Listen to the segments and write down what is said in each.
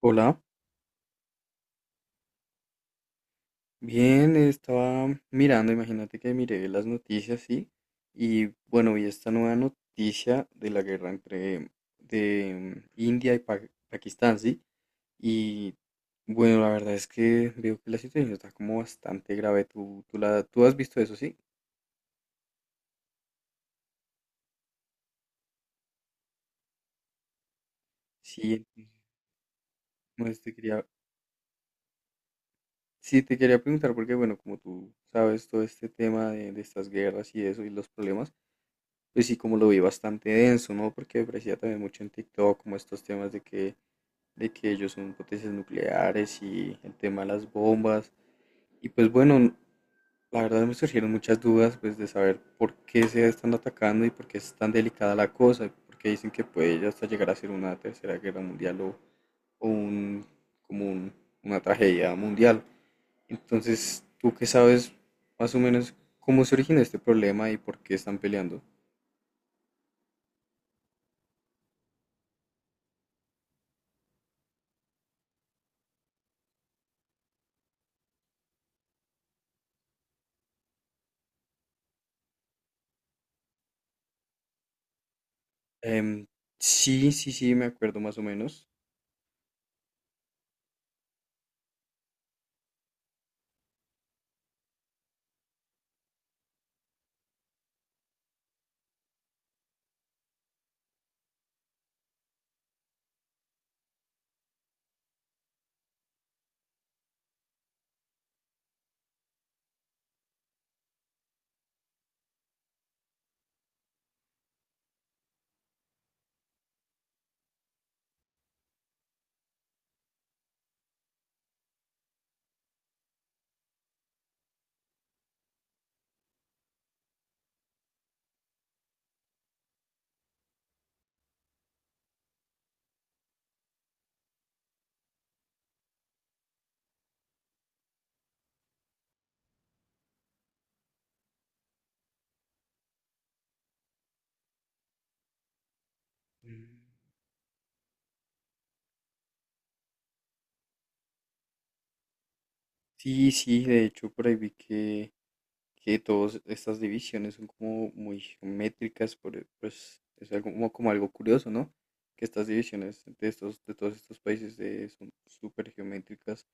Hola, bien, estaba mirando, imagínate que miré las noticias, sí, y bueno, vi esta nueva noticia de la guerra entre de India y Pakistán, sí, y bueno, la verdad es que veo que la situación está como bastante grave, tú has visto eso, sí. Sí, pues te quería, sí, te quería preguntar porque bueno, como tú sabes todo este tema de estas guerras y eso y los problemas. Pues sí, como lo vi bastante denso, ¿no? Porque aparecía también mucho en TikTok como estos temas de que ellos son potencias nucleares y el tema de las bombas. Y pues bueno, la verdad me surgieron muchas dudas pues de saber por qué se están atacando y por qué es tan delicada la cosa, y por qué dicen que puede ya hasta llegar a ser una tercera guerra mundial o como un- una tragedia mundial. Entonces, ¿tú qué sabes más o menos cómo se origina este problema y por qué están peleando? Em, sí, sí, sí, me acuerdo más o menos. Mm. Sí, sí, de hecho por ahí vi que todas estas divisiones son como muy geométricas, pues es algo, como algo curioso, ¿no? Que estas divisiones de todos estos países son súper geométricas.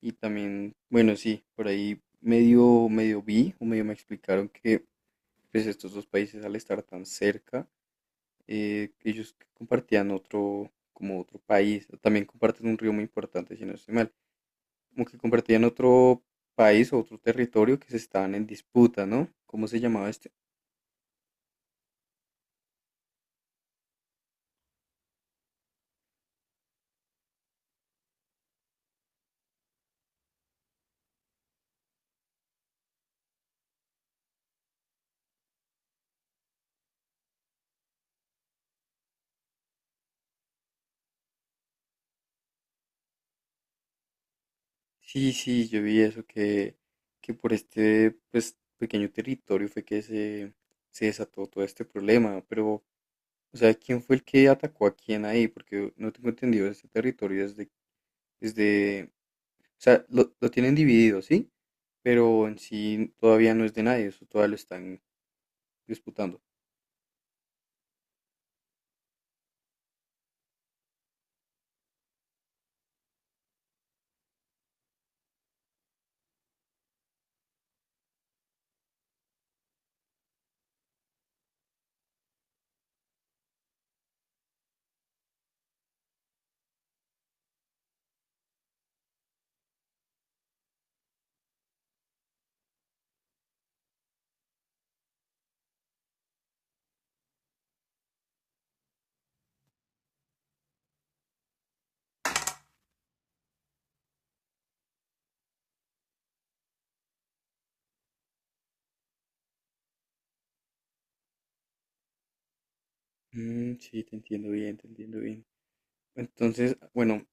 Y también, bueno, sí, por ahí medio vi o medio me explicaron que pues estos dos países al estar tan cerca, ellos compartían como otro país, también comparten un río muy importante, si no estoy mal, como que compartían otro país o otro territorio que se estaban en disputa, ¿no? ¿Cómo se llamaba este? Sí, sí, yo vi eso, que por este pues, pequeño territorio fue que se desató todo este problema, pero, o sea, ¿quién fue el que atacó a quién ahí? Porque no tengo entendido este territorio desde, desde o sea, lo tienen dividido, ¿sí? Pero en sí todavía no es de nadie, eso todavía lo están disputando. Mm, sí, te entiendo bien, te entiendo bien. Entonces, bueno,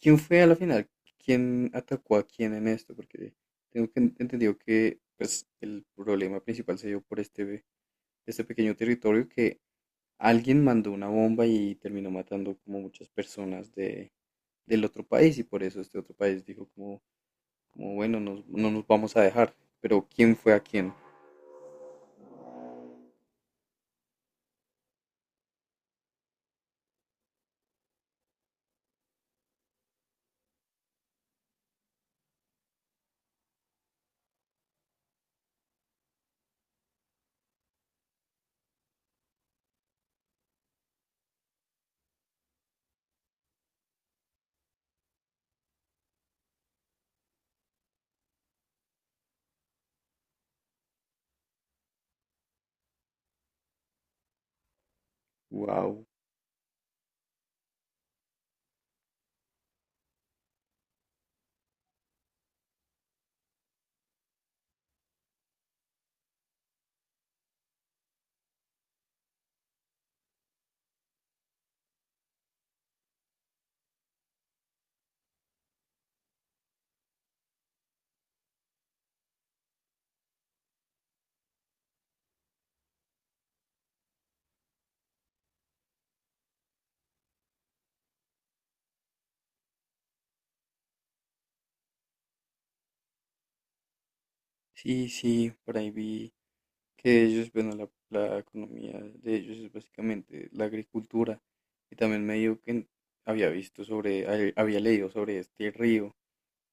¿quién fue a la final? ¿Quién atacó a quién en esto? Porque tengo que entendido que pues el problema principal se dio por este pequeño territorio que alguien mandó una bomba y terminó matando como muchas personas del otro país y por eso este otro país dijo como, como bueno, no nos vamos a dejar. Pero ¿quién fue a quién? Wow. Sí, sí, por ahí vi que ellos, bueno, la economía de ellos es básicamente la agricultura. Y también me dijo que había leído sobre este río,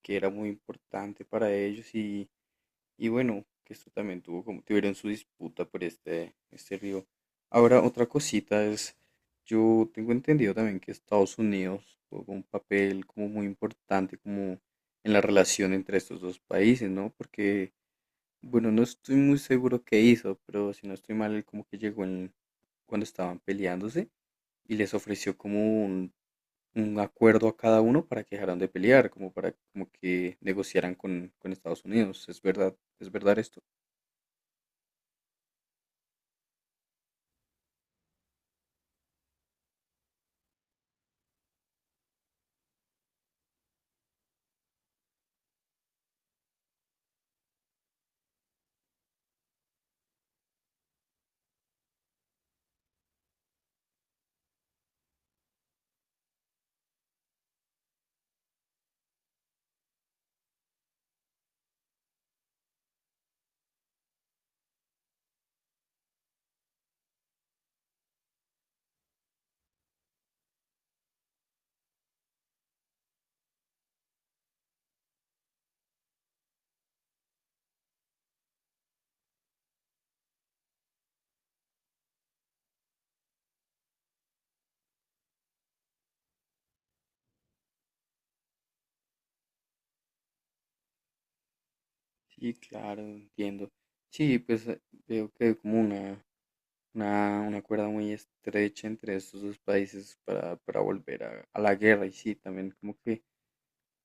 que era muy importante para ellos. Y bueno, que esto también tuvo como, tuvieron su disputa por este río. Ahora, otra cosita es, yo tengo entendido también que Estados Unidos jugó un papel como muy importante como en la relación entre estos dos países, ¿no? Porque, bueno, no estoy muy seguro qué hizo, pero si no estoy mal, él como que llegó en, cuando estaban peleándose y les ofreció como un acuerdo a cada uno para que dejaran de pelear, como para como que negociaran con Estados Unidos. ¿Es verdad? ¿Es verdad esto? Sí, claro, entiendo. Sí, pues veo que hay como una cuerda muy estrecha entre estos dos países para volver a la guerra. Y sí, también como que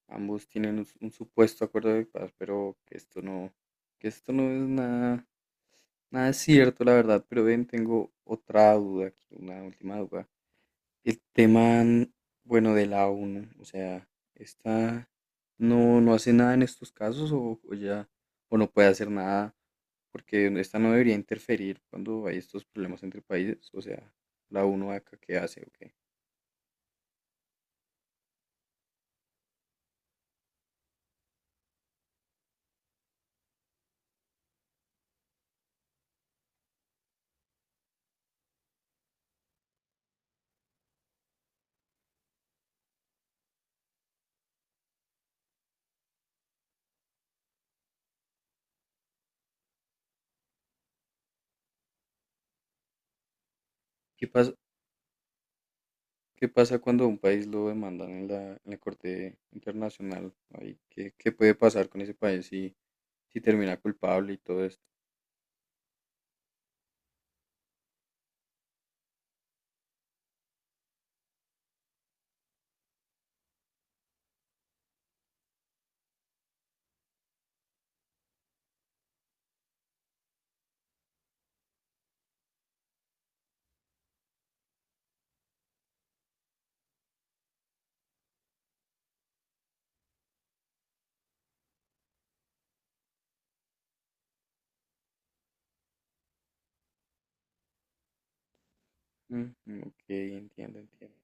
ambos tienen un, un supuesto acuerdo de paz, pero que esto no es nada, nada cierto, la verdad. Pero ven, tengo otra duda aquí, una última duda. El tema, mm, bueno, de la ONU, o sea, esta no hace nada en estos casos o ya o no puede hacer nada porque esta no debería interferir cuando hay estos problemas entre países, o sea, la uno acá qué hace o qué. ¿Qué pasa, qué pasa cuando a un país lo demandan en en la Corte Internacional? Ahí, ¿qué, qué puede pasar con ese país si, si termina culpable y todo esto? Mm, ok, entiendo, entiendo.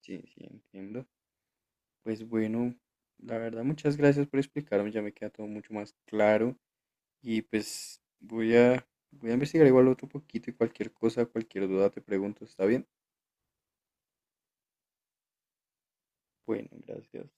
Sí, sí, entiendo. Pues bueno, la verdad, muchas gracias por explicarme, ya me queda todo mucho más claro y pues voy voy a investigar igual otro poquito y cualquier cosa, cualquier duda te pregunto, ¿está bien? Bueno, gracias.